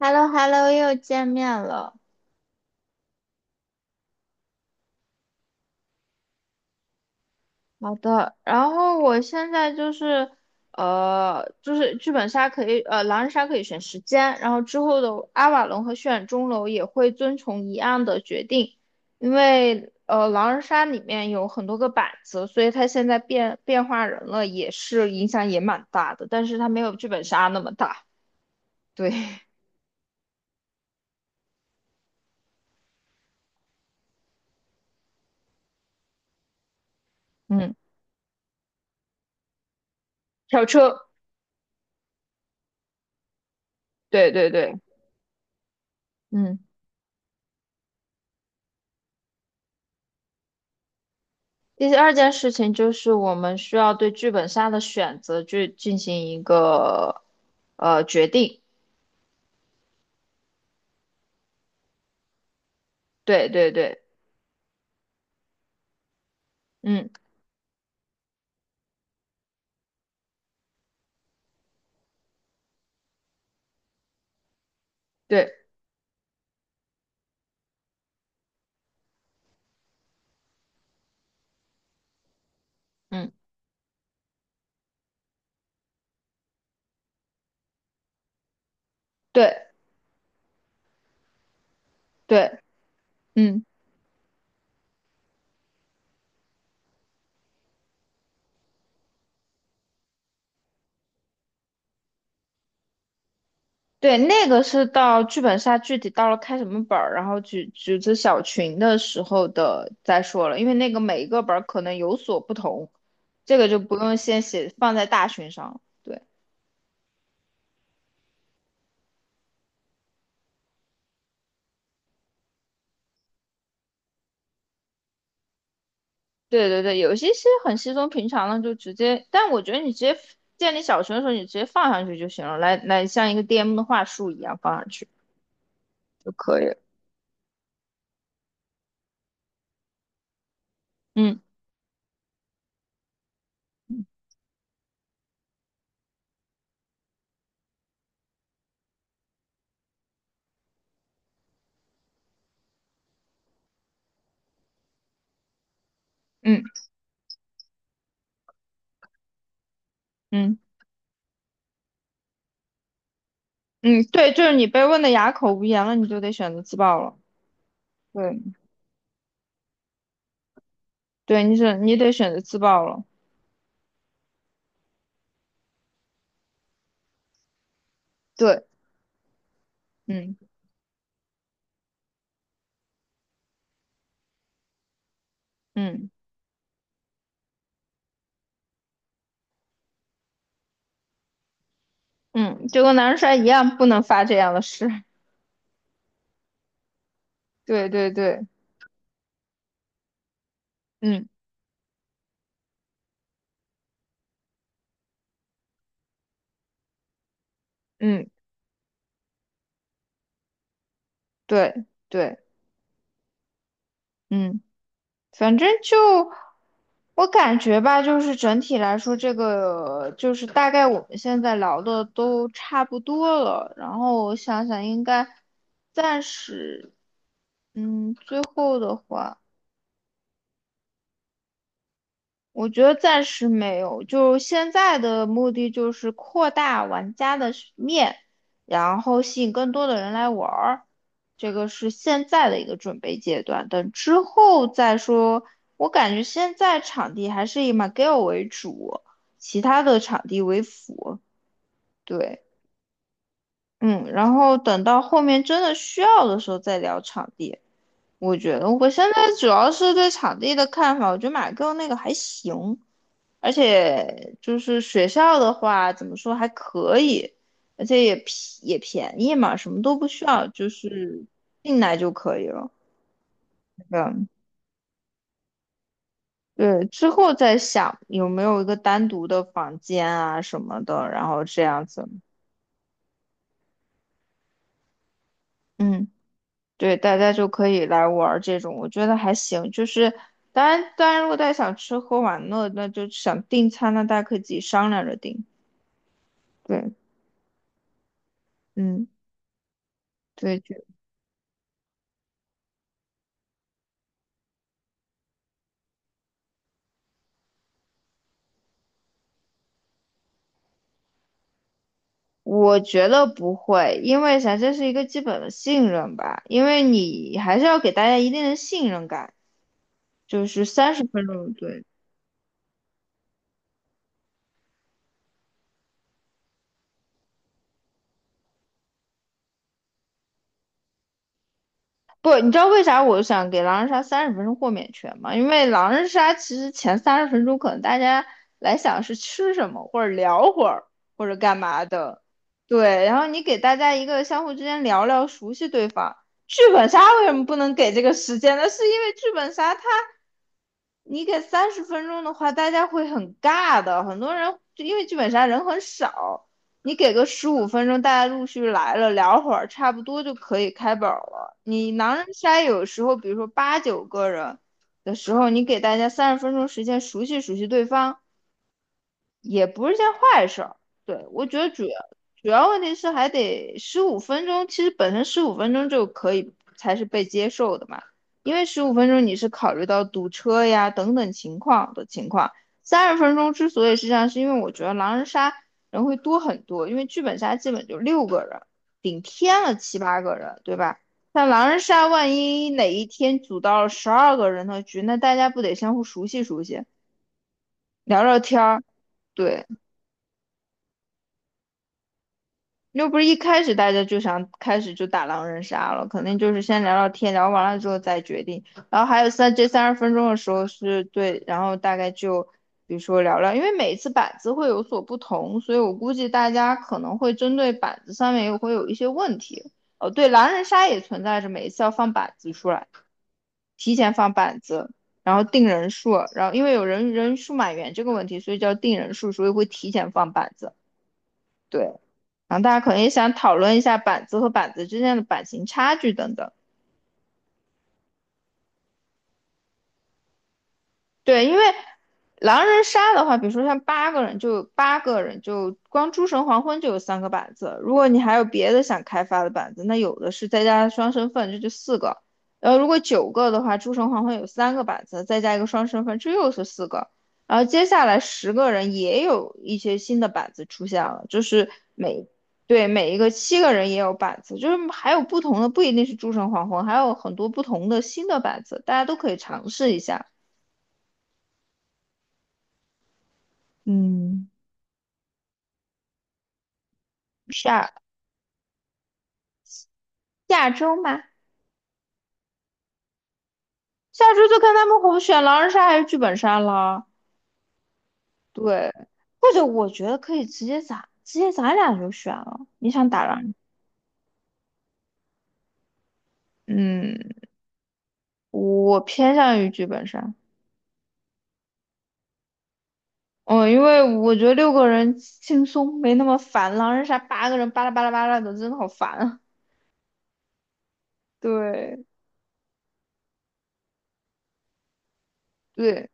h e l l o h e l l o 又见面了。好的，然后我现在就是，就是剧本杀可以，狼人杀可以选时间，然后之后的阿瓦隆和血染钟楼也会遵从一样的决定，因为狼人杀里面有很多个板子，所以它现在变化人了，也是影响也蛮大的，但是它没有剧本杀那么大。对，嗯，跳车，对对对，嗯。第二件事情就是我们需要对剧本杀的选择去进行一个决定。对对对，嗯，对，嗯，对对，嗯，对，那个是到剧本杀具体到了开什么本儿，然后组织小群的时候的再说了，因为那个每一个本儿可能有所不同，这个就不用先写放在大群上了。对。对对对，有些是很稀松平常的，就直接。但我觉得你直接建立小程的时候，你直接放上去就行了，像一个 DM 的话术一样放上去就可以了。嗯嗯嗯嗯，对，就是你被问的哑口无言了，你就得选择自爆了。对对，你得选择自爆了。对，嗯嗯嗯，就跟男人帅一样，不能发这样的誓。对对对，嗯嗯，对对，嗯。反正就我感觉吧，就是整体来说，这个就是大概我们现在聊的都差不多了。然后我想想，应该暂时，嗯，最后的话。我觉得暂时没有，就现在的目的就是扩大玩家的是面，然后吸引更多的人来玩儿，这个是现在的一个准备阶段。等之后再说，我感觉现在场地还是以 McGill 为主，其他的场地为辅。对，嗯，然后等到后面真的需要的时候再聊场地。我觉得我现在主要是对场地的看法，我觉得 McGill 那个还行。而且就是学校的话，怎么说还可以，而且也便宜嘛，什么都不需要，就是进来就可以了。嗯，对，之后再想有没有一个单独的房间啊什么的，然后这样子，嗯，对，大家就可以来玩儿这种，我觉得还行。就是当然，当然，如果大家想吃喝玩乐，那就想订餐，那大家可以自己商量着订。对，嗯，对。就我觉得不会，因为啥，这是一个基本的信任吧，因为你还是要给大家一定的信任感，就是三十分钟，对，不，你知道为啥我想给狼人杀三十分钟豁免权吗？因为狼人杀其实前三十分钟可能大家来想是吃什么，或者聊会儿，或者干嘛的，对，然后你给大家一个相互之间聊聊，熟悉对方。剧本杀为什么不能给这个时间呢？是因为剧本杀它你给三十分钟的话，大家会很尬的，很多人就因为剧本杀人很少，你给个十五分钟，大家陆续来了，聊会儿，差不多就可以开本了。你狼人杀有时候，比如说八九个人的时候，你给大家三十分钟时间熟悉熟悉对方，也不是件坏事儿。对，我觉得主要问题是还得十五分钟，其实本身十五分钟就可以才是被接受的嘛，因为十五分钟你是考虑到堵车呀等等情况的情况。三十分钟之所以是这样，是因为我觉得狼人杀人会多很多，因为剧本杀基本就六个人，顶天了七八个人，对吧？那狼人杀万一哪一天组到了十二个人的局，那大家不得相互熟悉熟悉，聊聊天儿？对，又不是一开始大家就想开始就打狼人杀了，肯定就是先聊聊天，聊完了之后再决定。然后还有这三十分钟的时候是对，然后大概就比如说聊聊，因为每次板子会有所不同，所以我估计大家可能会针对板子上面又会有一些问题。哦，对，狼人杀也存在着每一次要放板子出来，提前放板子，然后定人数，然后因为人数满员这个问题，所以叫定人数，所以会提前放板子。对，然后大家可能也想讨论一下板子和板子之间的版型差距等等。对，因为狼人杀的话，比如说像八个人就，八个人就光诸神黄昏就有三个板子。如果你还有别的想开发的板子，那有的是，再加上双身份，这就四个。然后如果九个的话，诸神黄昏有三个板子，再加一个双身份，这又是四个。然后接下来十个人也有一些新的板子出现了，就是每对每一个七个人也有板子，就是还有不同的，不一定是诸神黄昏，还有很多不同的新的板子，大家都可以尝试一下。嗯。下下周吧，下周就看他们红选狼人杀还是剧本杀了。对，或者我觉得可以直接咱俩就选了。你想打狼人，嗯，我偏向于剧本杀。嗯，因为我觉得六个人轻松，没那么烦。狼人杀八个人巴拉巴拉巴拉的，真的好烦啊。对对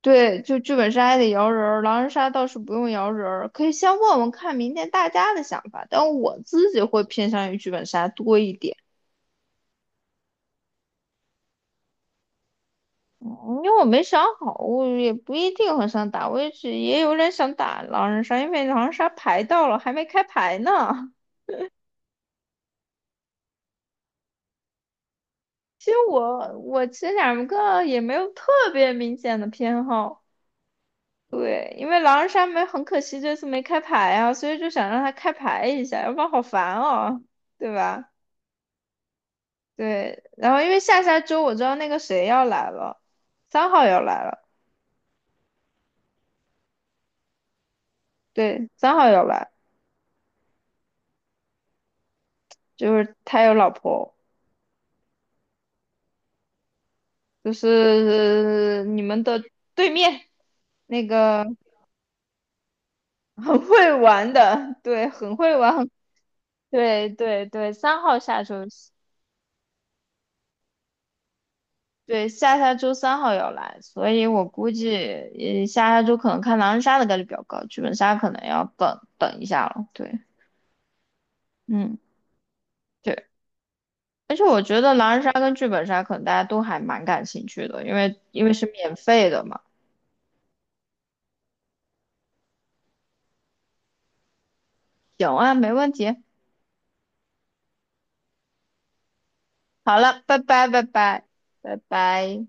对，就剧本杀还得摇人儿，狼人杀倒是不用摇人儿，可以先问问看明天大家的想法。但我自己会偏向于剧本杀多一点。嗯，因为我没想好，我也不一定很想打，我也只也有点想打狼人杀，因为狼人杀牌到了还没开牌呢。其实我其实两个也没有特别明显的偏好，对，因为狼人杀没，很可惜这次没开牌啊，所以就想让他开牌一下，要不然好烦哦，对吧？对，然后因为下下周我知道那个谁要来了，三号要来了，对，三号要来，就是他有老婆。就是你们的对面那个很会玩的，对，很会玩，对对对，三号下周，对，下下周三号要来，所以我估计下下周可能看狼人杀的概率比较高，剧本杀可能要等等一下了，对，嗯。对，而且我觉得狼人杀跟剧本杀可能大家都还蛮感兴趣的，因为是免费的嘛。行啊，没问题。好了，拜拜，拜拜，拜拜。